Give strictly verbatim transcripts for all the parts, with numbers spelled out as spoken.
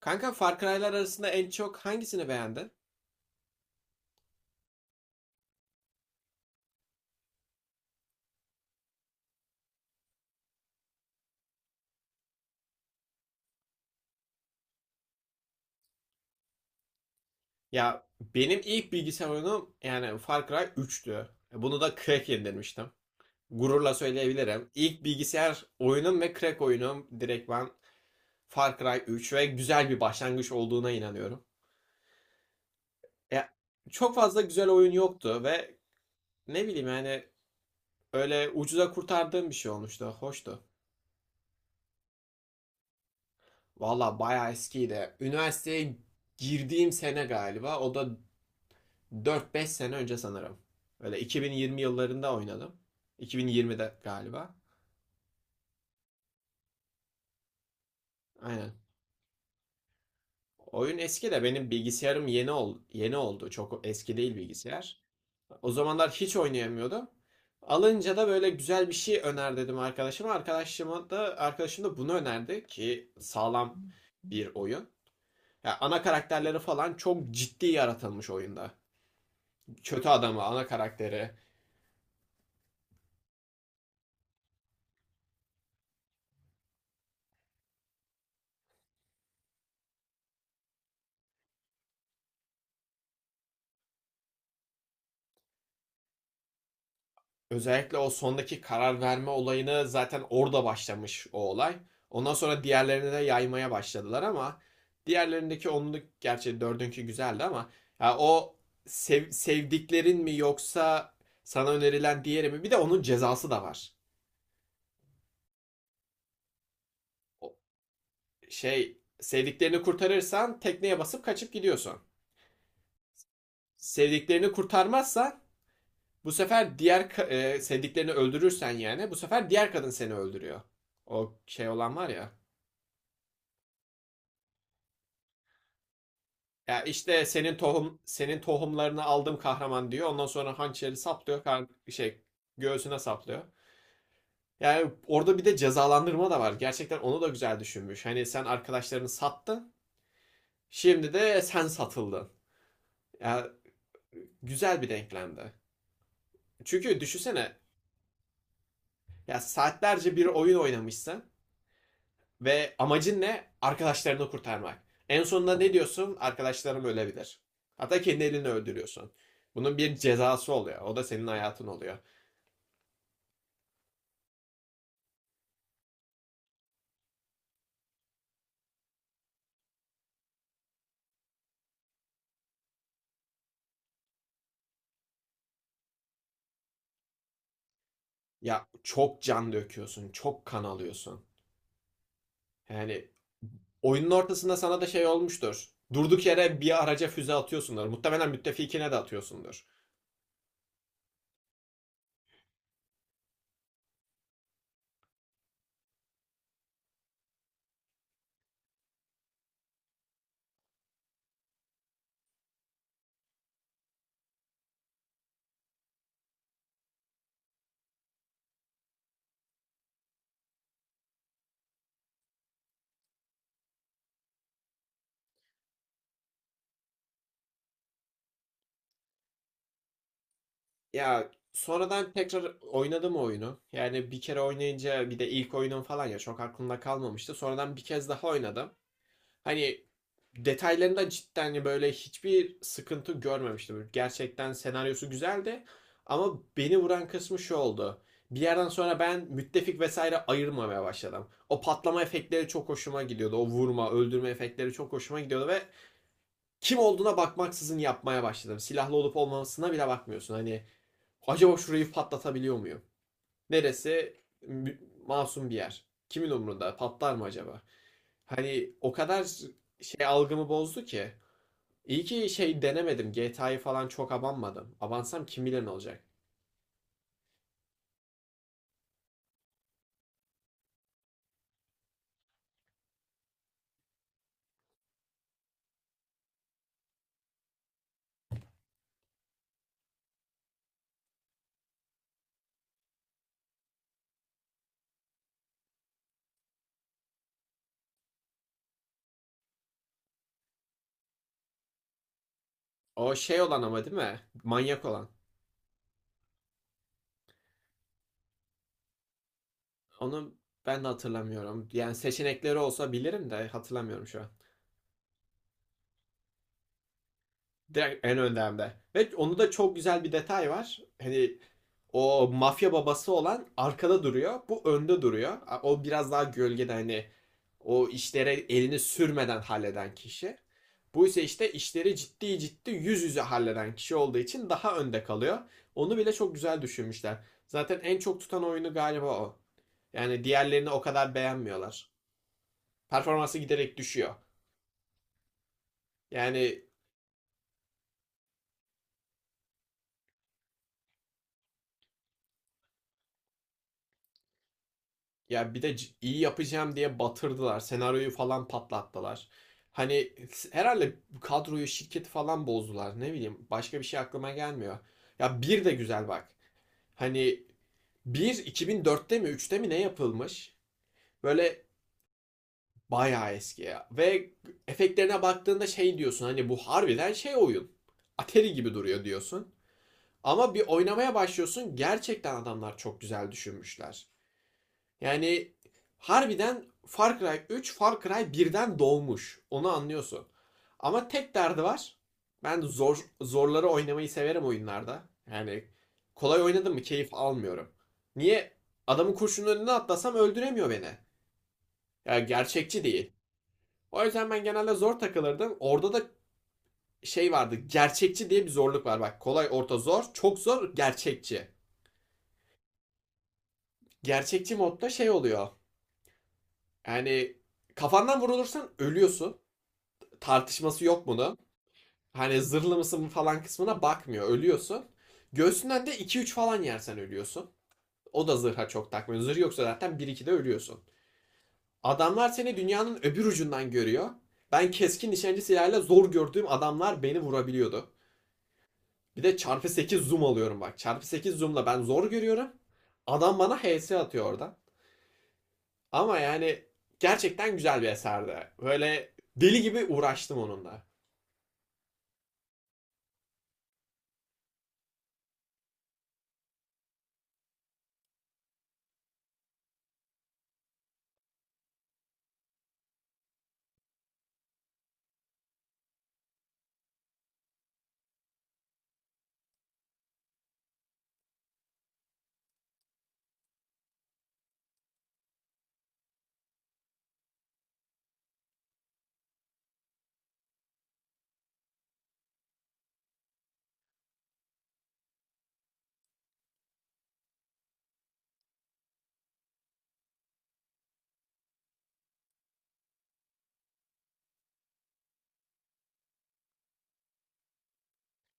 Kanka Far Cry'lar arasında en çok hangisini beğendin? Ya benim ilk bilgisayar oyunum yani Far Cry üçtü. E, Bunu da crack indirmiştim. Gururla söyleyebilirim. İlk bilgisayar oyunum ve crack oyunum direkt ben Far Cry üç ve güzel bir başlangıç olduğuna inanıyorum. Ya, çok fazla güzel oyun yoktu ve ne bileyim yani öyle ucuza kurtardığım bir şey olmuştu. Hoştu. Valla bayağı eskiydi. Üniversiteye girdiğim sene galiba. O da dört beş sene önce sanırım. Öyle iki bin yirmi yıllarında oynadım. iki bin yirmide galiba. Aynen. Oyun eski de benim bilgisayarım yeni ol yeni oldu. Çok eski değil bilgisayar. O zamanlar hiç oynayamıyordum. Alınca da böyle güzel bir şey öner dedim arkadaşıma. Arkadaşıma da arkadaşım da bunu önerdi ki sağlam bir oyun. Ya ana karakterleri falan çok ciddi yaratılmış oyunda. Kötü adamı, ana karakteri. Özellikle o sondaki karar verme olayını zaten orada başlamış o olay. Ondan sonra diğerlerini de yaymaya başladılar ama diğerlerindeki onluk gerçi dördünkü güzeldi ama ya o sev- sevdiklerin mi yoksa sana önerilen diğeri mi? Bir de onun cezası da var. O şey, sevdiklerini kurtarırsan tekneye basıp kaçıp gidiyorsun. Sevdiklerini kurtarmazsan bu sefer diğer e, sevdiklerini öldürürsen yani bu sefer diğer kadın seni öldürüyor. O şey olan var ya. Ya işte senin tohum senin tohumlarını aldım kahraman diyor. Ondan sonra hançeri saplıyor, kar şey göğsüne saplıyor. Yani orada bir de cezalandırma da var. Gerçekten onu da güzel düşünmüş. Hani sen arkadaşlarını sattın, şimdi de sen satıldın. Ya güzel bir denklemdi. Çünkü düşünsene ya saatlerce bir oyun oynamışsın. Ve amacın ne? Arkadaşlarını kurtarmak. En sonunda ne diyorsun? Arkadaşlarım ölebilir. Hatta kendi elini öldürüyorsun. Bunun bir cezası oluyor. O da senin hayatın oluyor. Ya çok can döküyorsun, çok kan alıyorsun. Yani oyunun ortasında sana da şey olmuştur. Durduk yere bir araca füze atıyorsundur. Muhtemelen müttefikine de atıyorsundur. Ya sonradan tekrar oynadım o oyunu. Yani bir kere oynayınca bir de ilk oyunum falan ya çok aklımda kalmamıştı. Sonradan bir kez daha oynadım. Hani detaylarında cidden hani böyle hiçbir sıkıntı görmemiştim. Gerçekten senaryosu güzeldi. Ama beni vuran kısmı şu oldu. Bir yerden sonra ben müttefik vesaire ayırmamaya başladım. O patlama efektleri çok hoşuma gidiyordu. O vurma, öldürme efektleri çok hoşuma gidiyordu ve kim olduğuna bakmaksızın yapmaya başladım. Silahlı olup olmamasına bile bakmıyorsun. Hani acaba şurayı patlatabiliyor muyum? Neresi masum bir yer. Kimin umrunda? Patlar mı acaba? Hani o kadar şey algımı bozdu ki. İyi ki şey denemedim. G T A'yı falan çok abanmadım. Abansam kim bilir ne olacak. O şey olan ama değil mi? Manyak olan. Onu ben de hatırlamıyorum. Yani seçenekleri olsa bilirim de hatırlamıyorum şu an. Direkt en önde hem de. Ve onu da çok güzel bir detay var. Hani o mafya babası olan arkada duruyor. Bu önde duruyor. O biraz daha gölgede hani o işlere elini sürmeden halleden kişi. Bu ise işte işleri ciddi ciddi yüz yüze halleden kişi olduğu için daha önde kalıyor. Onu bile çok güzel düşünmüşler. Zaten en çok tutan oyunu galiba o. Yani diğerlerini o kadar beğenmiyorlar. Performansı giderek düşüyor. Yani ya bir de c- iyi yapacağım diye batırdılar. Senaryoyu falan patlattılar. Hani s- herhalde kadroyu, şirketi falan bozdular. Ne bileyim başka bir şey aklıma gelmiyor. Ya bir de güzel bak. Hani bir iki bin dörtte mi üçte mi ne yapılmış? Böyle bayağı eski ya. Ve efektlerine baktığında şey diyorsun hani bu harbiden şey oyun. Atari gibi duruyor diyorsun. Ama bir oynamaya başlıyorsun, gerçekten adamlar çok güzel düşünmüşler. Yani harbiden Far Cry üç Far Cry birden doğmuş. Onu anlıyorsun. Ama tek derdi var. Ben zor zorları oynamayı severim oyunlarda. Yani kolay oynadım mı keyif almıyorum. Niye? Adamın kurşunun önüne atlasam öldüremiyor beni. Ya gerçekçi değil. O yüzden ben genelde zor takılırdım. Orada da şey vardı. Gerçekçi diye bir zorluk var. Bak kolay, orta, zor, çok zor, gerçekçi. Gerçekçi modda şey oluyor. Yani kafandan vurulursan ölüyorsun. Tartışması yok bunun. Hani zırhlı mısın falan kısmına bakmıyor. Ölüyorsun. Göğsünden de iki üç falan yersen ölüyorsun. O da zırha çok takmıyor. Zırh yoksa zaten bir ikide ölüyorsun. Adamlar seni dünyanın öbür ucundan görüyor. Ben keskin nişancı silahıyla zor gördüğüm adamlar beni vurabiliyordu. Bir de çarpı sekiz zoom alıyorum bak. Çarpı sekiz zoomla ben zor görüyorum. Adam bana H S atıyor orada. Ama yani gerçekten güzel bir eserdi. Böyle deli gibi uğraştım onunla.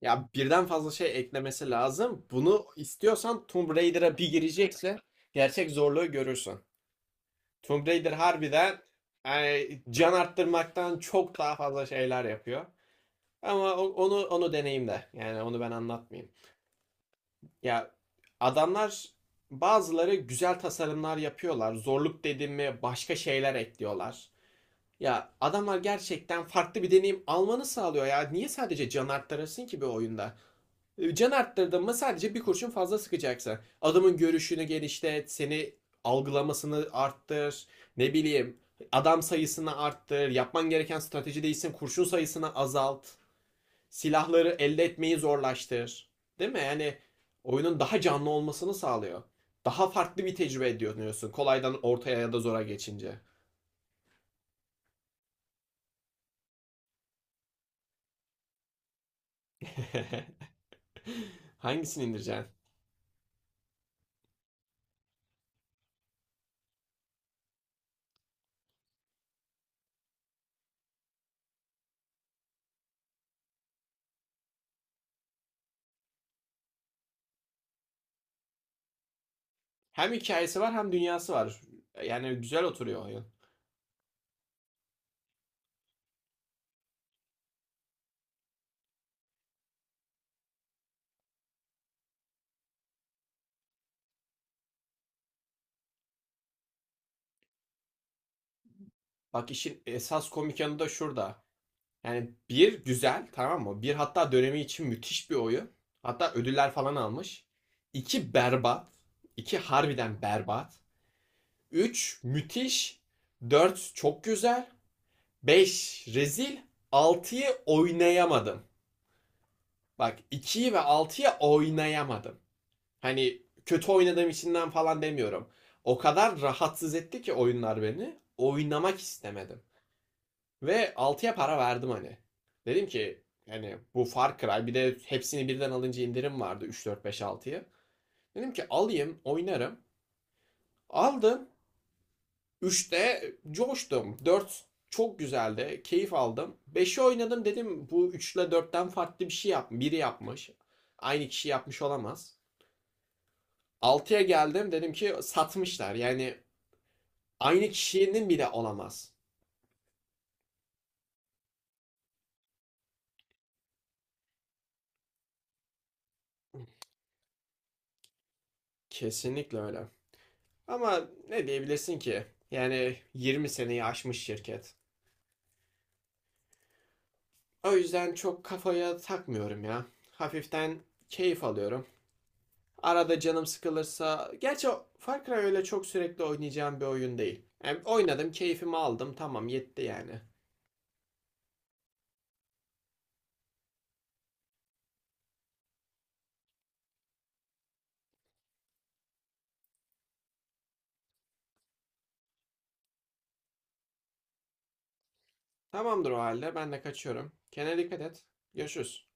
Ya birden fazla şey eklemesi lazım. Bunu istiyorsan Tomb Raider'a bir girecekse gerçek zorluğu görürsün. Tomb Raider harbiden yani can arttırmaktan çok daha fazla şeyler yapıyor. Ama o- onu onu deneyimle. Yani onu ben anlatmayayım. Ya adamlar bazıları güzel tasarımlar yapıyorlar. Zorluk dediğimi başka şeyler ekliyorlar. Ya adamlar gerçekten farklı bir deneyim almanı sağlıyor ya. Niye sadece can arttırsın ki bir oyunda? E, Can arttırdın mı sadece bir kurşun fazla sıkacaksın. Adamın görüşünü genişlet, seni algılamasını arttır, ne bileyim adam sayısını arttır, yapman gereken strateji değilsin, kurşun sayısını azalt, silahları elde etmeyi zorlaştır. Değil mi? Yani oyunun daha canlı olmasını sağlıyor. Daha farklı bir tecrübe ediyorsun kolaydan ortaya ya da zora geçince. Hangisini indireceksin? Hem hikayesi var hem dünyası var. Yani güzel oturuyor oyun. Bak işin esas komik yanı da şurada. Yani bir güzel, tamam mı? Bir, hatta dönemi için müthiş bir oyun. Hatta ödüller falan almış. İki berbat. İki harbiden berbat. Üç müthiş. Dört çok güzel. Beş rezil. Altıyı oynayamadım. Bak ikiyi ve altıyı oynayamadım. Hani kötü oynadığım içinden falan demiyorum. O kadar rahatsız etti ki oyunlar beni. Oynamak istemedim. Ve altıya para verdim hani. Dedim ki hani bu Far Cry bir de hepsini birden alınca indirim vardı üç dört beş altıya. Dedim ki alayım oynarım. Aldım. Üçte coştum. dört çok güzeldi. Keyif aldım. Beşi oynadım dedim bu üç ile dörtten farklı bir şey yap. Biri yapmış. Aynı kişi yapmış olamaz. Altıya geldim dedim ki satmışlar. Yani aynı kişinin bile olamaz. Kesinlikle öyle. Ama ne diyebilirsin ki? Yani yirmi seneyi aşmış şirket. O yüzden çok kafaya takmıyorum ya. Hafiften keyif alıyorum. Arada canım sıkılırsa... Gerçi Far Cry öyle çok sürekli oynayacağım bir oyun değil. Yani oynadım, keyfimi aldım. Tamam, yetti yani. Tamamdır o halde. Ben de kaçıyorum. Kendine dikkat et. Görüşürüz.